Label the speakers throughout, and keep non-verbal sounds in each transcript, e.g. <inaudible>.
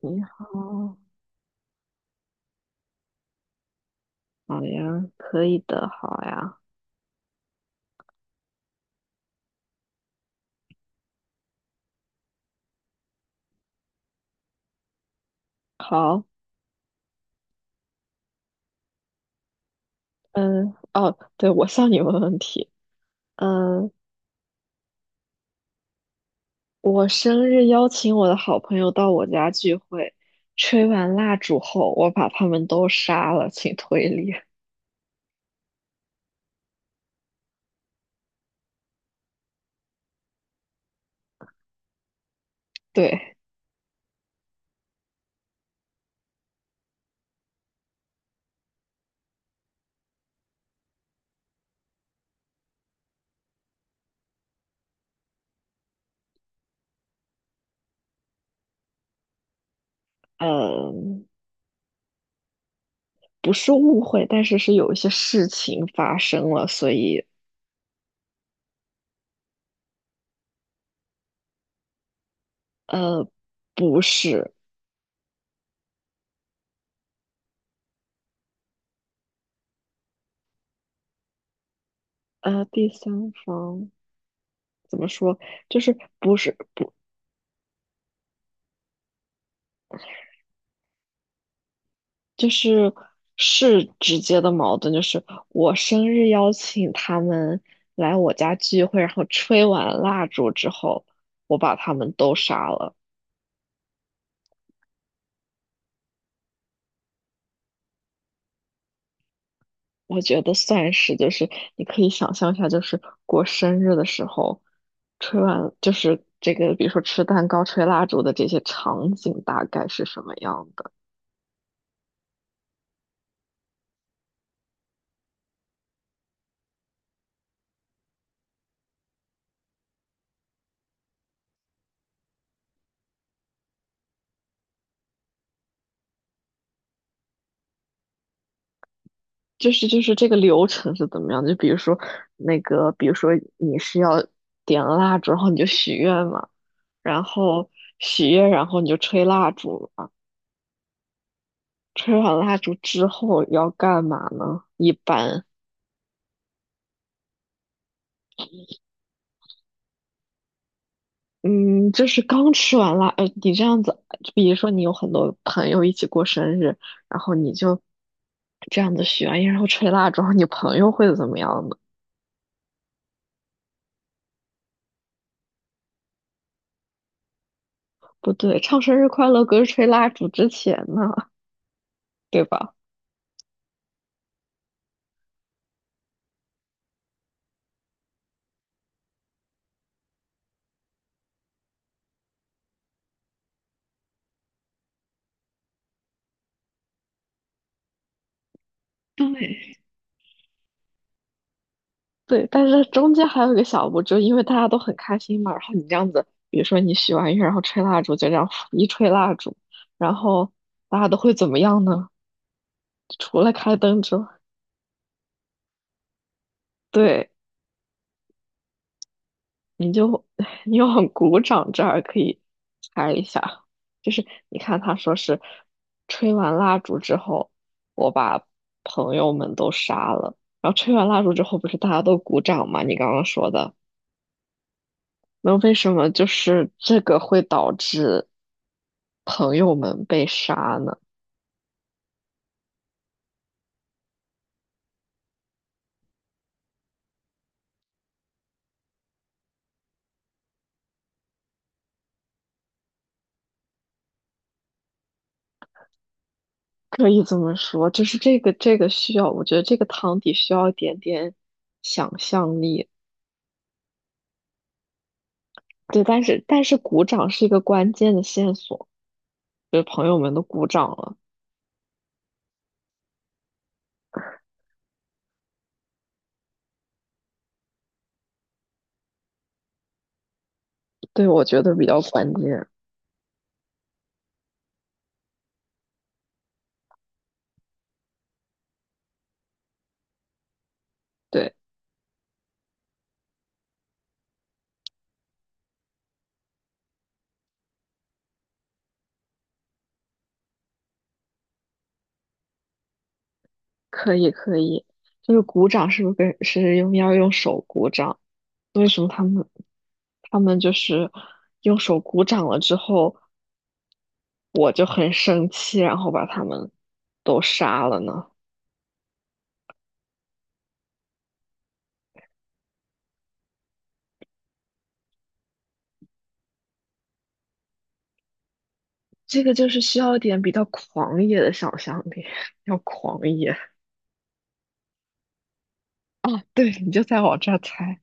Speaker 1: 你好，好呀，可以的，好呀，好，嗯，哦，对，我向你问问题。嗯，我生日邀请我的好朋友到我家聚会，吹完蜡烛后，我把他们都杀了，请推理。对，嗯，不是误会，但是是有一些事情发生了，所以，呃，不是。第三方怎么说？就是不是，就是是直接的矛盾，就是我生日邀请他们来我家聚会，然后吹完蜡烛之后，我把他们都杀了。我觉得算是，就是你可以想象一下，就是过生日的时候，吹完就是这个，比如说吃蛋糕、吹蜡烛的这些场景大概是什么样的？就是这个流程是怎么样的？就比如说那个，比如说你是要点了蜡烛，然后你就许愿嘛。然后许愿，然后你就吹蜡烛嘛。吹完蜡烛之后要干嘛呢？一般，嗯，就是刚吃完蜡，你这样子，比如说你有很多朋友一起过生日，然后你就这样子许完愿，然后吹蜡烛，然后你朋友会怎么样呢？不对，唱生日快乐歌是吹蜡烛之前呢，对吧？对，对，但是中间还有一个小步，就因为大家都很开心嘛，然后你这样子，比如说你许完愿，然后吹蜡烛，就这样一吹蜡烛，然后大家都会怎么样呢？除了开灯之外，对，你就 <laughs> 你又鼓掌，这儿可以猜一下，就是你看他说是吹完蜡烛之后，我把朋友们都杀了，然后吹完蜡烛之后，不是大家都鼓掌吗？你刚刚说的。那为什么就是这个会导致朋友们被杀呢？可以这么说，就是这个需要，我觉得这个汤底需要一点点想象力。对，但是鼓掌是一个关键的线索，就是朋友们都鼓掌了，对，我觉得比较关键。对，可以可以，就是鼓掌是不是跟是用要用手鼓掌？为什么他们就是用手鼓掌了之后？我就很生气，然后把他们都杀了呢？这个就是需要一点比较狂野的想象力，<laughs> 要狂野啊！对，你就在我这儿猜，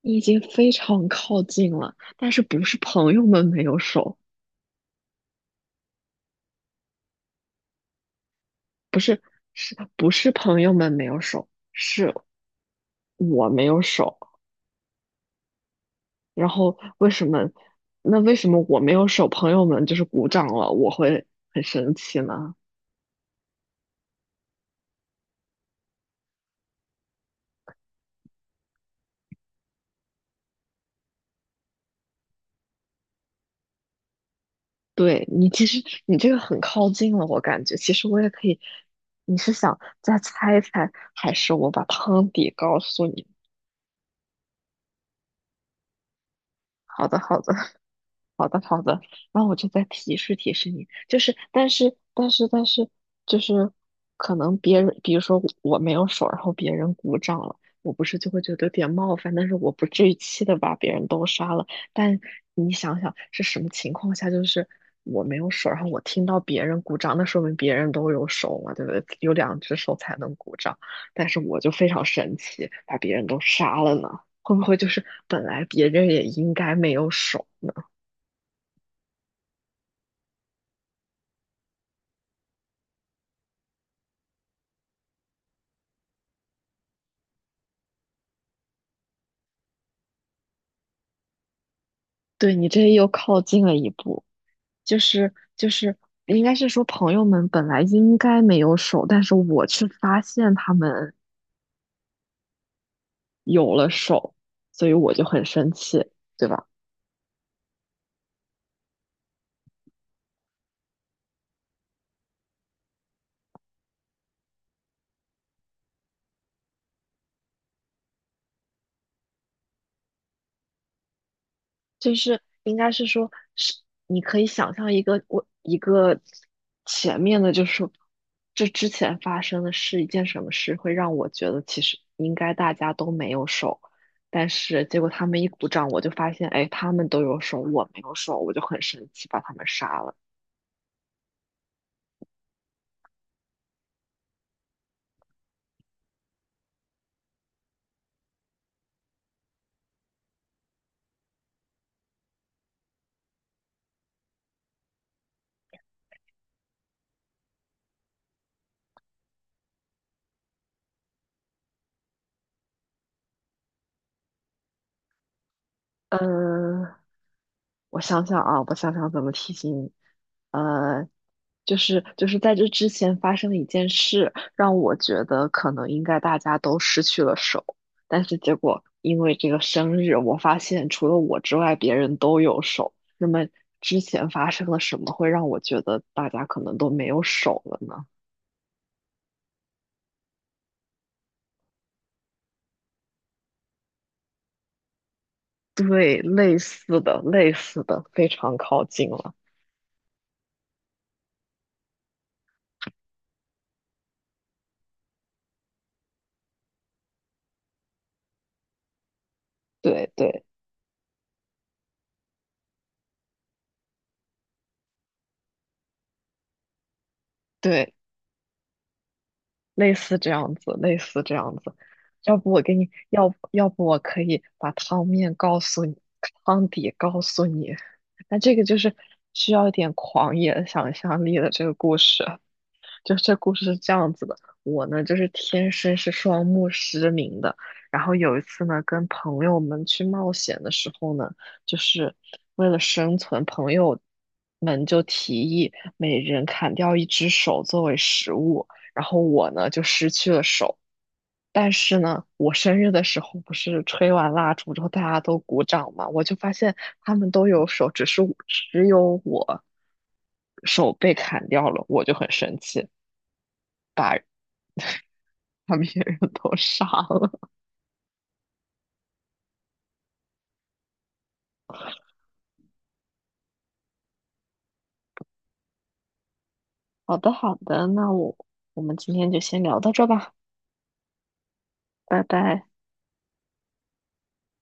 Speaker 1: 你已经非常靠近了，但是不是朋友们没有手，不是，是不是朋友们没有手，是我没有手。然后为什么？那为什么我没有手，朋友们就是鼓掌了，我会很生气呢？对你，其实你这个很靠近了，我感觉。其实我也可以，你是想再猜一猜，还是我把汤底告诉你？好的，好的。好的，好的，那我就再提示提示你，就是，但是，但是，但是，就是，可能别人，比如说我没有手，然后别人鼓掌了，我不是就会觉得有点冒犯，但是我不至于气的把别人都杀了。但你想想是什么情况下，就是我没有手，然后我听到别人鼓掌，那说明别人都有手嘛，对不对？有两只手才能鼓掌，但是我就非常神奇，把别人都杀了呢，会不会就是本来别人也应该没有手？呢？对你这又靠近了一步，就是，应该是说朋友们本来应该没有手，但是我却发现他们有了手，所以我就很生气，对吧？就是应该是说，是你可以想象一个一个前面的，就是说这之前发生的是一件什么事，会让我觉得其实应该大家都没有手，但是结果他们一鼓掌，我就发现，哎，他们都有手，我没有手，我就很生气，把他们杀了。呃，我想想啊，我想想怎么提醒你。呃，就是在这之前发生了一件事，让我觉得可能应该大家都失去了手，但是结果因为这个生日，我发现除了我之外，别人都有手。那么之前发生了什么会让我觉得大家可能都没有手了呢？对，类似的，类似的，非常靠近了。对对对。类似这样子，类似这样子。要不我给你，要不我可以把汤面告诉你，汤底告诉你。<laughs> 那这个就是需要一点狂野想象力的这个故事。就这故事是这样子的，我呢就是天生是双目失明的，然后有一次呢跟朋友们去冒险的时候呢，就是为了生存，朋友们就提议每人砍掉一只手作为食物，然后我呢就失去了手。但是呢，我生日的时候不是吹完蜡烛之后大家都鼓掌嘛，我就发现他们都有手，只是我只有我手被砍掉了，我就很生气。<laughs> 把别人都杀了。<laughs> 好的，好的，那我们今天就先聊到这吧，拜拜。